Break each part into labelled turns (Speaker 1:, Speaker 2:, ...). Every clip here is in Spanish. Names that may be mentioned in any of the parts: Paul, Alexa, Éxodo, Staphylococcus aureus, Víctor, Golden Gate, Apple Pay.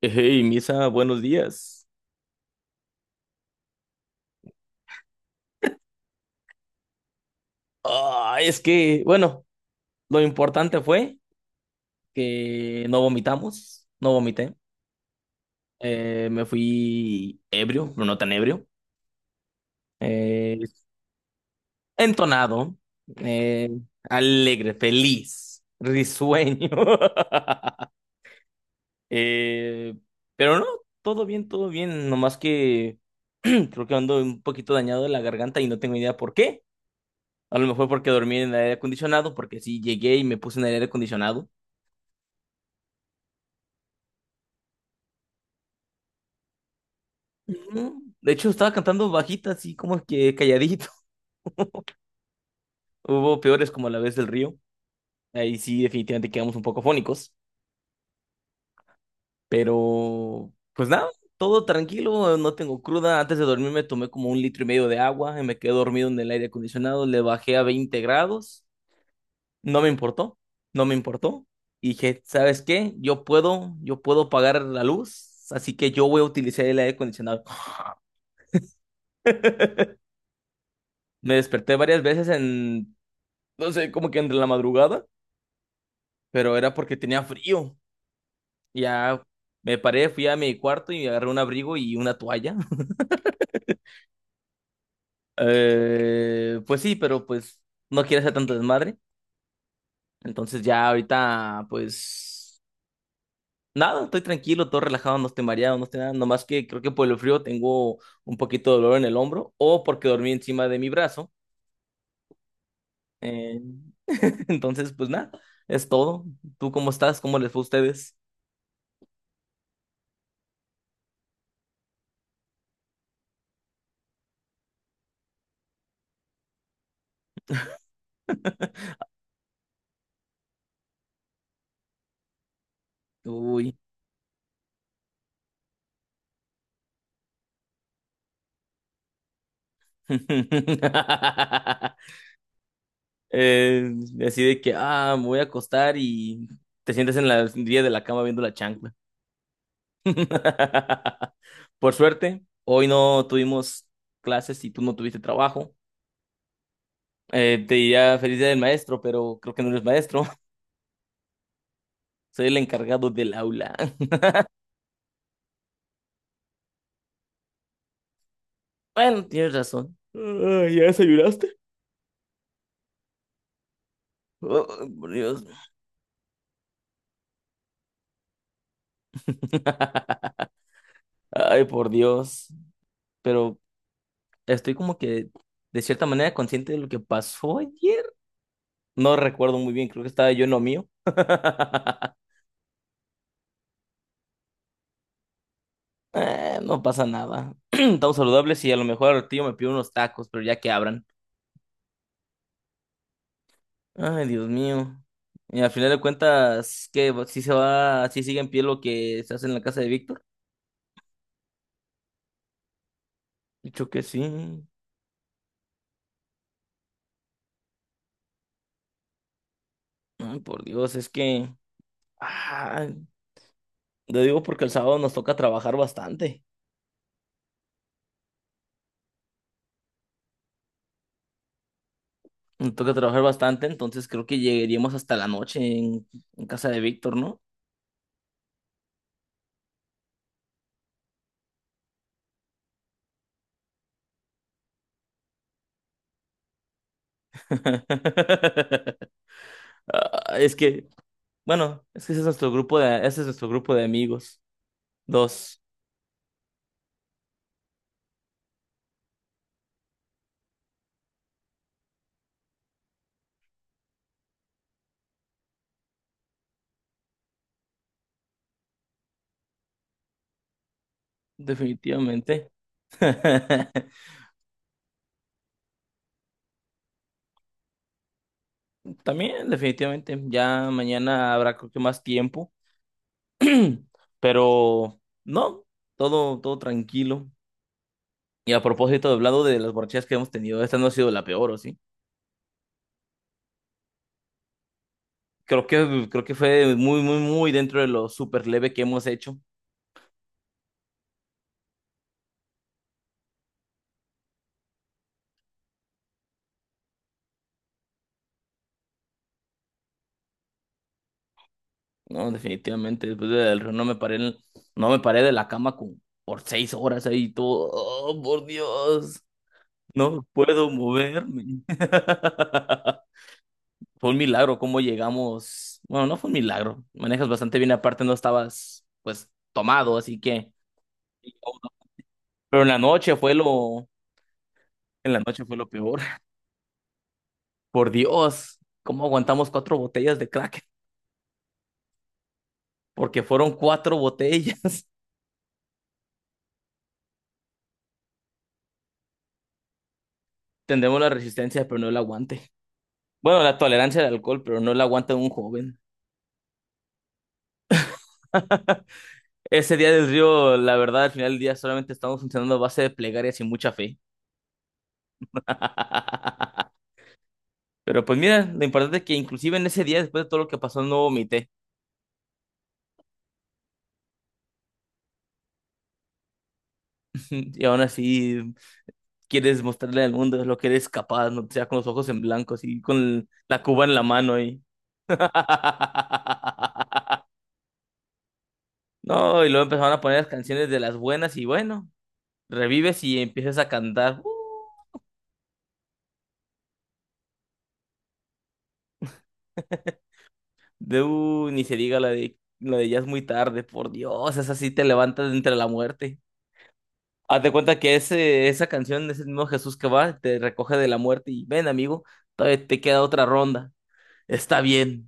Speaker 1: Hey, Misa, buenos días. Ah, es que, bueno, lo importante fue que no vomitamos, no vomité. Me fui ebrio, pero no tan ebrio. Eh, Entonado, eh, alegre, feliz, risueño. Eh, pero no, todo bien, todo bien. Nomás que creo que ando un poquito dañado de la garganta y no tengo idea por qué. A lo mejor porque dormí en el aire acondicionado, porque sí llegué y me puse en el aire acondicionado. Ujú. De hecho, estaba cantando bajita, así como que calladito. Hubo peores como la vez del río. Ahí sí, definitivamente quedamos un poco fónicos. Pero, pues nada, todo tranquilo, no tengo cruda. Antes de dormir me tomé como un litro y medio de agua y me quedé dormido en el aire acondicionado. Le bajé a 20 grados. No me importó, no me importó. Y dije, ¿sabes qué? Yo puedo pagar la luz, así que yo voy a utilizar el aire acondicionado. Me desperté varias veces no sé, como que entre la madrugada, pero era porque tenía frío. Ya me paré, fui a mi cuarto y agarré un abrigo y una toalla. Pues sí, pero pues no quiero hacer tanto desmadre. Entonces ya ahorita, pues nada, estoy tranquilo, todo relajado, no estoy mareado, no estoy nada. Nomás que creo que por el frío tengo un poquito de dolor en el hombro o porque dormí encima de mi brazo. Eh, entonces, pues nada, es todo. ¿Tú cómo estás? ¿Cómo les fue a ustedes? Uy. Eh, Así de que, ah, me voy a acostar y te sientes en la orilla de la cama viendo la chancla. Por suerte, hoy no tuvimos clases y tú no tuviste trabajo. Te diría feliz día del maestro, pero creo que no eres maestro. Soy el encargado del aula. Bueno, tienes razón. Ah, ¿ya desayunaste? Oh, por Dios. Ay, por Dios. Pero estoy como que de cierta manera consciente de lo que pasó ayer. No recuerdo muy bien, creo que estaba yo en lo mío. No pasa nada. Estamos saludables y a lo mejor el tío me pide unos tacos, pero ya que abran. Ay, Dios mío. Y al final de cuentas, ¿qué? ¿Si se va, si sigue en pie lo que se hace en la casa de Víctor? Dicho que sí. Ay, por Dios, es que... ah, lo digo porque el sábado nos toca trabajar bastante. Me toca trabajar bastante, entonces creo que llegaríamos hasta la noche en casa de Víctor, ¿no? Es que, bueno, es que ese es nuestro grupo de, ese es nuestro grupo de amigos. Dos, definitivamente. También, definitivamente. Ya mañana habrá creo que más tiempo. Pero no, todo tranquilo. Y a propósito, hablando de las borrachas que hemos tenido, esta no ha sido la peor, ¿o sí? Creo que fue muy, muy, muy dentro de lo súper leve que hemos hecho, ¿no? Definitivamente, después del Río no me paré, no me paré de la cama con, por seis horas ahí, todo, oh, por Dios, no puedo moverme. Fue un milagro cómo llegamos, bueno, no fue un milagro, manejas bastante bien, aparte no estabas, pues, tomado, así que, pero en la noche fue lo, en la noche fue lo peor, por Dios, ¿cómo aguantamos cuatro botellas de crack? Porque fueron cuatro botellas. Tendremos la resistencia, pero no el aguante. Bueno, la tolerancia al alcohol, pero no el aguante de un joven. Ese día del río, la verdad, al final del día solamente estamos funcionando a base de plegarias y mucha fe. Pero pues mira, lo importante es que inclusive en ese día, después de todo lo que pasó, no vomité. Y aún así quieres mostrarle al mundo lo que eres capaz, no sea con los ojos en blanco, así con la cuba en la mano y... No, y luego empezaron a poner las canciones de las buenas y bueno, revives y empiezas a cantar. ¡Uh! De ni se diga la de ya es muy tarde, por Dios, esa sí te levantas de entre la muerte. Hazte cuenta que esa canción es el mismo Jesús que va, te recoge de la muerte y ven, amigo, todavía te queda otra ronda. Está bien.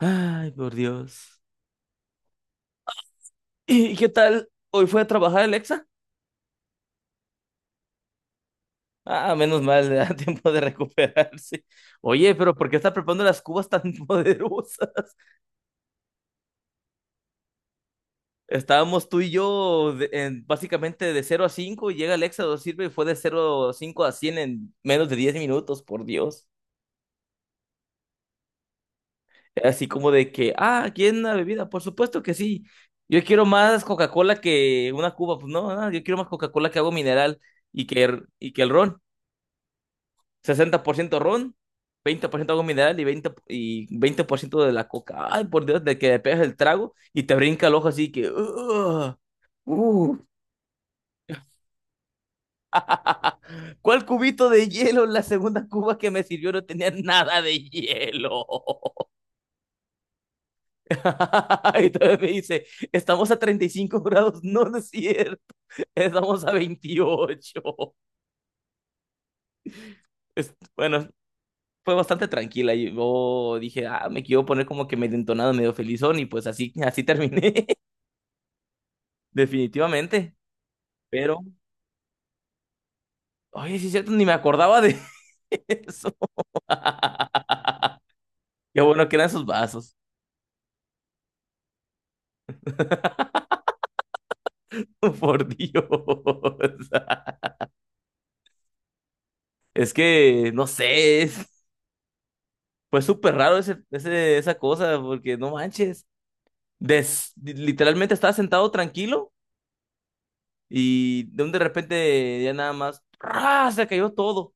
Speaker 1: Ay, por Dios. ¿Y qué tal? ¿Hoy fue a trabajar Alexa? Ah, menos mal, le da tiempo de recuperarse. Oye, pero ¿por qué está preparando las cubas tan poderosas? Estábamos tú y yo básicamente de cero a 5 y llega el Éxodo, sirve y fue de cero a 5 a 100 en menos de 10 minutos, por Dios. Así como de que, ah, ¿quieren una bebida? Por supuesto que sí. Yo quiero más Coca-Cola que una Cuba. Pues no, ah, yo quiero más Coca-Cola que agua mineral y que, y que el ron. Sesenta por ciento ron, 20% agua mineral y y 20% de la coca. Ay, por Dios, de que le pegas el trago y te brinca el ojo así que... "Ugh, uh". ¿Cuál cubito de hielo? La segunda cuba que me sirvió no tenía nada de hielo. Y todavía me dice, estamos a 35 grados, no, no es cierto, estamos a 28". Bueno, fue bastante tranquila. Y yo dije, ah, me quiero poner como que medio entonado, medio felizón, y pues así, así terminé, definitivamente. Pero, oye, sí es cierto, ni me acordaba de eso. Qué bueno que eran esos vasos. Por Dios. Es que, no sé, fue súper raro esa cosa, porque no manches. Literalmente estaba sentado tranquilo y de repente ya nada más ¡ra! Se cayó todo.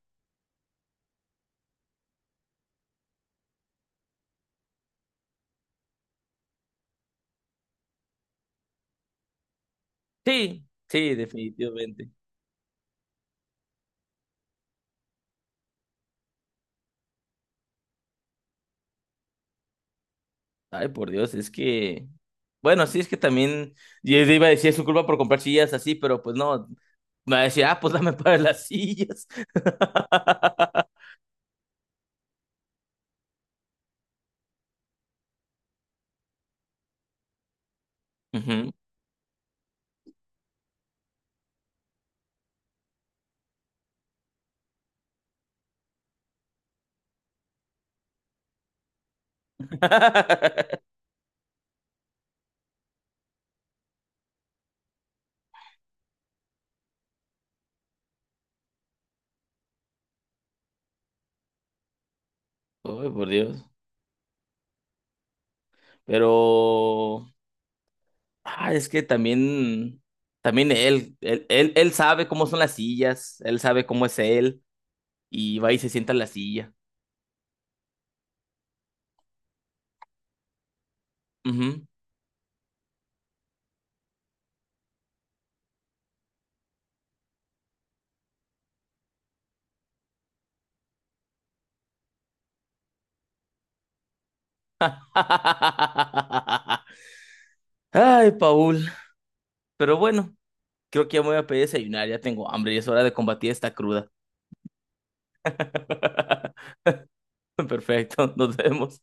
Speaker 1: Sí, sí, definitivamente. Ay, por Dios, es que. Bueno, sí, es que también. Yo iba a decir, es su culpa por comprar sillas así, pero pues no. Me va a decir, ah, pues dame para las sillas. Ujú. Ay, por Dios. Pero ah, es que también, también él sabe cómo son las sillas, él sabe cómo es él, y va y se sienta en la silla. Ujú. Ay, Paul. Pero bueno, creo que ya me voy a pedir desayunar, ya tengo hambre y es hora de combatir esta cruda. Perfecto, nos vemos.